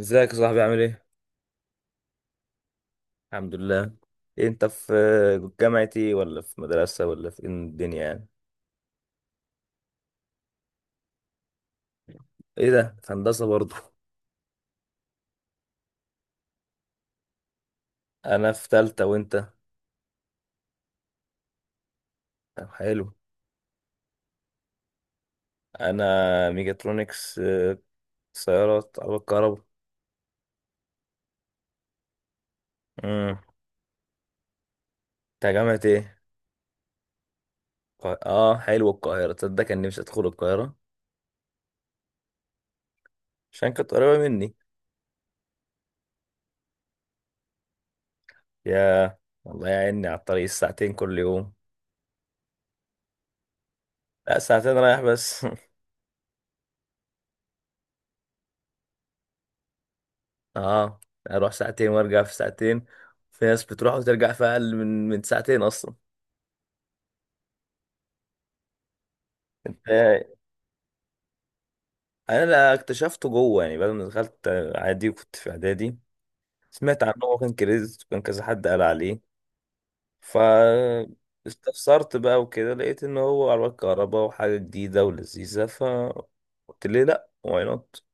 ازيك يا صاحبي، عامل ايه؟ الحمد لله. إيه، انت في جامعة ايه، ولا في مدرسة، ولا في إيه الدنيا يعني؟ ايه ده؟ في هندسة برضه. انا في تالتة، وانت؟ طب حلو. انا ميجاترونكس، سيارات، عربية كهرباء. امم. انت جامعة ايه؟ اه، حلو، القاهرة، تصدق كان نفسي ادخل القاهرة. عشان كانت قريبة مني. يا، والله يا عيني على الطريق الساعتين كل يوم. لا، ساعتين رايح بس. اه، اروح ساعتين وارجع في ساعتين. في ناس بتروح وترجع في اقل من ساعتين اصلا. انت. انا، لا، اكتشفته جوه يعني بعد ما دخلت. عادي، وكنت في اعدادي، سمعت عنه، وكان كريز وكان كذا، حد قال عليه. ف استفسرت بقى وكده، لقيت ان هو عربيات كهرباء وحاجه جديده ولذيذه. قلت ليه لا، واي نوت.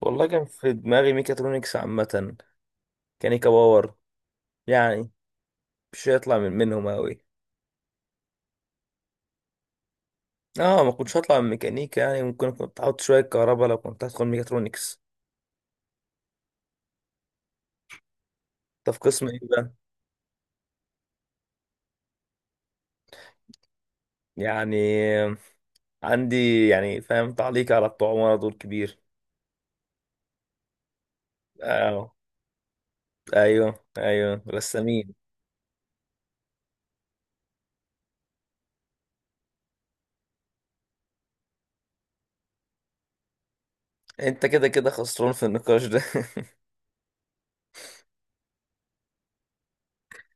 والله كان في دماغي ميكاترونكس عامه، كانيكا باور. يعني مش هيطلع منهم قوي. اه، ما كنتش هطلع من ميكانيكا، يعني ممكن كنت هحط شويه كهرباء لو كنت هدخل ميكاترونكس. طب في قسم ايه بقى؟ يعني عندي يعني، فاهم، تعليق على بتوع عمارة دول كبير. اه ايوه ايوه، رسامين. انت كده كده خسران في النقاش ده.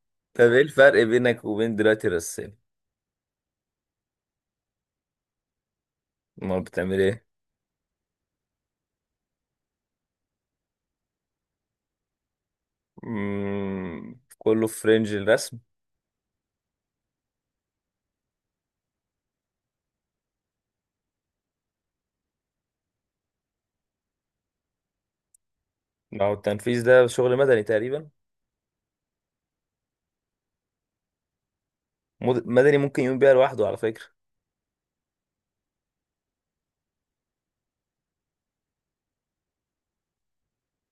طب ايه الفرق بينك وبين دلوقتي الرسام؟ امال بتعمل ايه؟ كله في رينج الرسم. ما هو التنفيذ ده شغل مدني تقريبا. مدني ممكن يقوم بيها لوحده على فكره.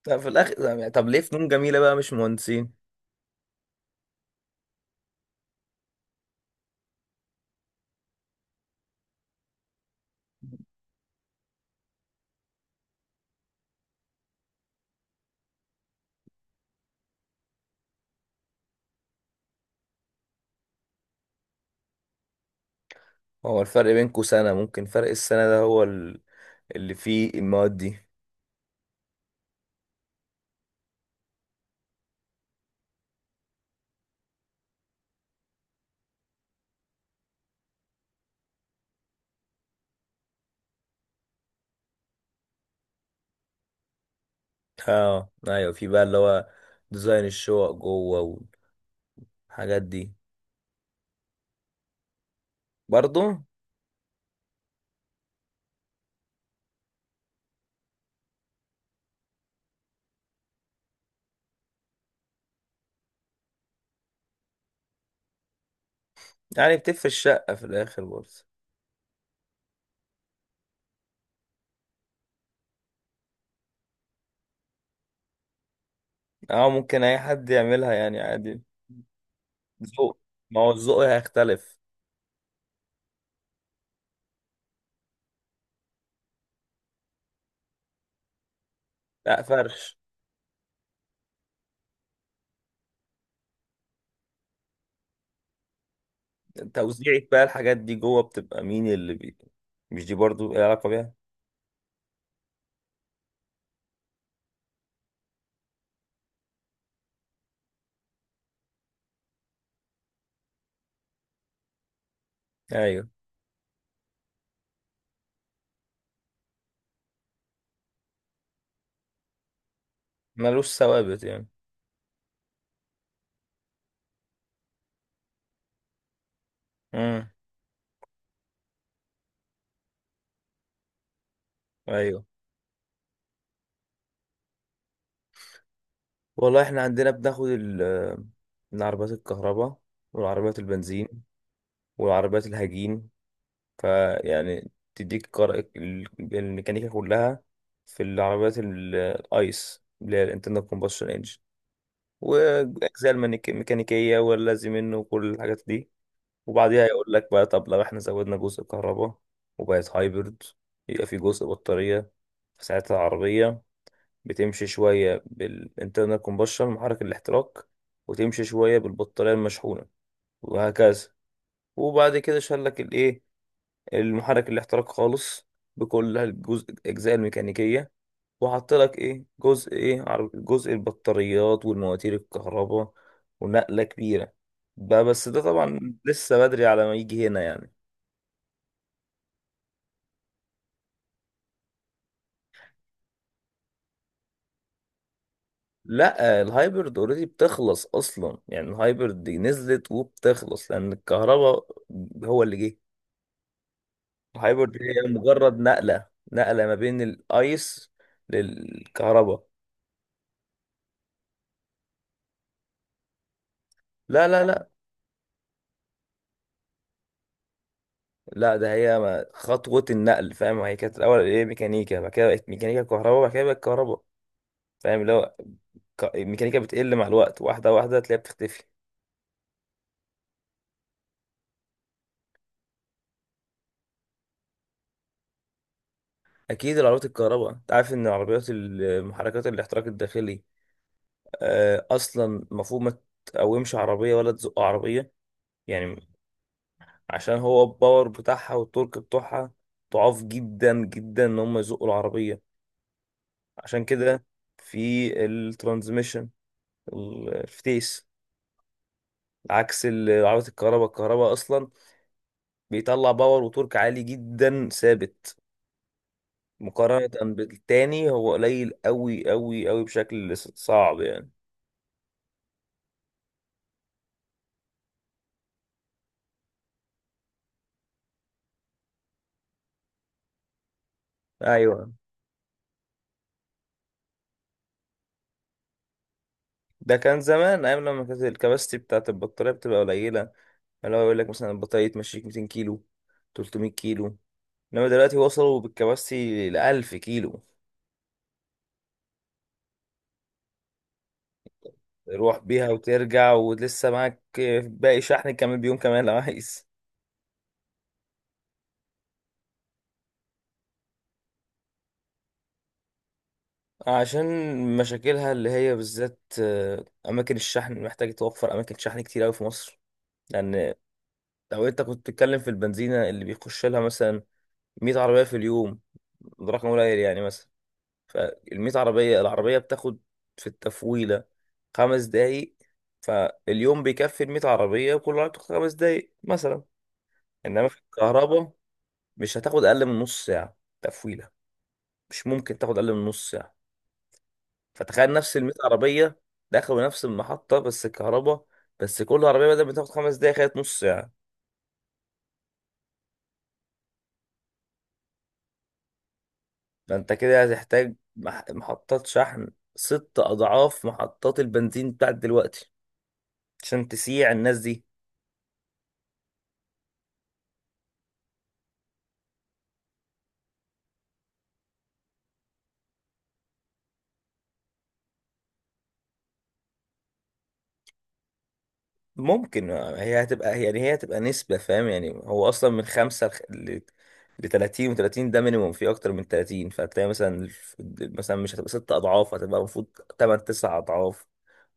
طب في الاخر يعني، طب ليه فنون جميله بقى مش مهندسين؟ هو الفرق بينكو سنة، ممكن فرق السنة ده هو اللي فيه المواد دي. اه ايوه، في بقى اللي هو ديزاين الشقق جوه والحاجات دي. برضو. يعني بتفرق الشقة في الآخر برضه. اه ممكن أي حد يعملها يعني عادي. ذوق، ما هو الذوق هيختلف. لا، فرش. توزيعك بقى الحاجات دي جوه، بتبقى مين اللي مش دي برضو ايه علاقة بيها. أيوه. ملوش ثوابت يعني. امم. أيوه. والله احنا عندنا بناخد من عربيات الكهرباء والعربيات البنزين والعربيات الهجين. فيعني تديك الميكانيكا كلها في العربيات الايس، اللي هي الانترنال كومبشن انجن، واجزاء الميكانيكيه واللازم منه وكل الحاجات دي. وبعديها يقول لك بقى، طب لو احنا زودنا جزء كهرباء وبقت هايبرد، يبقى في جزء بطاريه. فساعتها العربيه بتمشي شوية بالانترنال كومبشن محرك الاحتراق، وتمشي شوية بالبطارية المشحونة، وهكذا. وبعد كده شال لك الايه، المحرك الاحتراق خالص، بكل الجزء الأجزاء الميكانيكية، وحط لك ايه، جزء، ايه، جزء البطاريات والمواتير الكهرباء. ونقلة كبيرة بقى، بس ده طبعا لسه بدري على ما يجي هنا يعني. لا، الهايبرد اوريدي بتخلص اصلا، يعني الهايبرد دي نزلت وبتخلص، لان الكهرباء هو اللي جه. الهايبرد هي مجرد نقلة، نقلة ما بين الايس للكهرباء. لا لا لا لا، ده هي خطوة النقل، فاهم، هي كانت الأول ايه، ميكانيكا، بعد كده بقت ميكانيكا كهرباء، بعد كده بقت كهرباء. فاهم اللي هو الميكانيكا بتقل مع الوقت، واحدة واحدة تلاقيها بتختفي. أكيد العربيات الكهرباء، أنت عارف إن العربيات المحركات الاحتراق الداخلي، أصلا المفروض ما تقومش عربية ولا تزق عربية يعني. عشان هو الباور بتاعها والتورك بتوعها ضعاف جدا جدا، إن هم يزقوا العربية. عشان كده في الترانزميشن، الفتيس، عكس عربية الكهرباء. الكهرباء أصلا بيطلع باور وتورك عالي جدا ثابت، مقارنة بالتاني هو قليل أوي أوي أوي، بشكل صعب يعني. أيوه. ده كان زمان أيام لما كانت الكباستي بتاعت البطارية بتبقى قليلة، اللي هو يقول لك مثلا البطارية تمشيك 200 كيلو، 300 كيلو. إنما دلوقتي وصلوا بالكباستي ل 1000 كيلو. تروح بيها وترجع ولسه معاك باقي شحن كمان، بيوم كمان لو عايز. عشان مشاكلها اللي هي بالذات، أماكن الشحن، محتاج توفر أماكن شحن كتير أوي في مصر. لأن لو أنت كنت بتتكلم في البنزينة اللي بيخش لها مثلا 100 عربية في اليوم، ده رقم قليل يعني مثلا، فال 100 عربية، العربية بتاخد في التفويلة خمس دقايق. فاليوم بيكفي ال 100 عربية، وكل عربية بتاخد خمس دقايق مثلا. إنما في الكهرباء مش هتاخد أقل من نص ساعة تفويلة، مش ممكن تاخد اقل من نص ساعه. فتخيل نفس ال 100 عربيه دخلوا نفس المحطه، بس الكهرباء، بس كل عربيه بدل ما تاخد خمس دقايق خدت نص ساعه. فانت كده هتحتاج محطات شحن ست اضعاف محطات البنزين بتاعت دلوقتي، عشان تسيع الناس دي. ممكن هي هتبقى، يعني هي هتبقى نسبة، فاهم يعني هو أصلا من خمسة ل 30 و 30 ده مينيموم، في أكتر من 30. فهتلاقي مثلا مثلا مش هتبقى ست أضعاف، هتبقى المفروض تمن تسع أضعاف،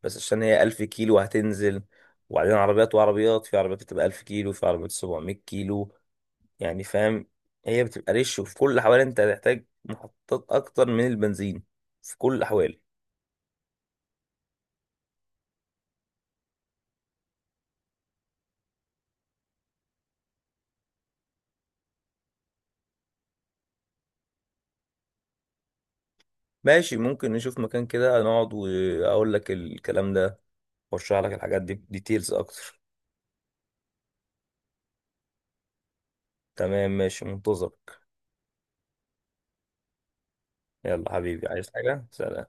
بس عشان هي 1000 كيلو هتنزل. وبعدين عربيات وعربيات في عربيات، بتبقى 1000 كيلو في عربيات 700 كيلو يعني، فاهم، هي بتبقى ريش. وفي كل الأحوال أنت هتحتاج محطات أكتر من البنزين، في كل الأحوال. ماشي، ممكن نشوف مكان كده نقعد وأقول لك الكلام ده، ورشح لك الحاجات دي ديتيلز اكتر. تمام ماشي، منتظرك. يلا حبيبي، عايز حاجة؟ سلام.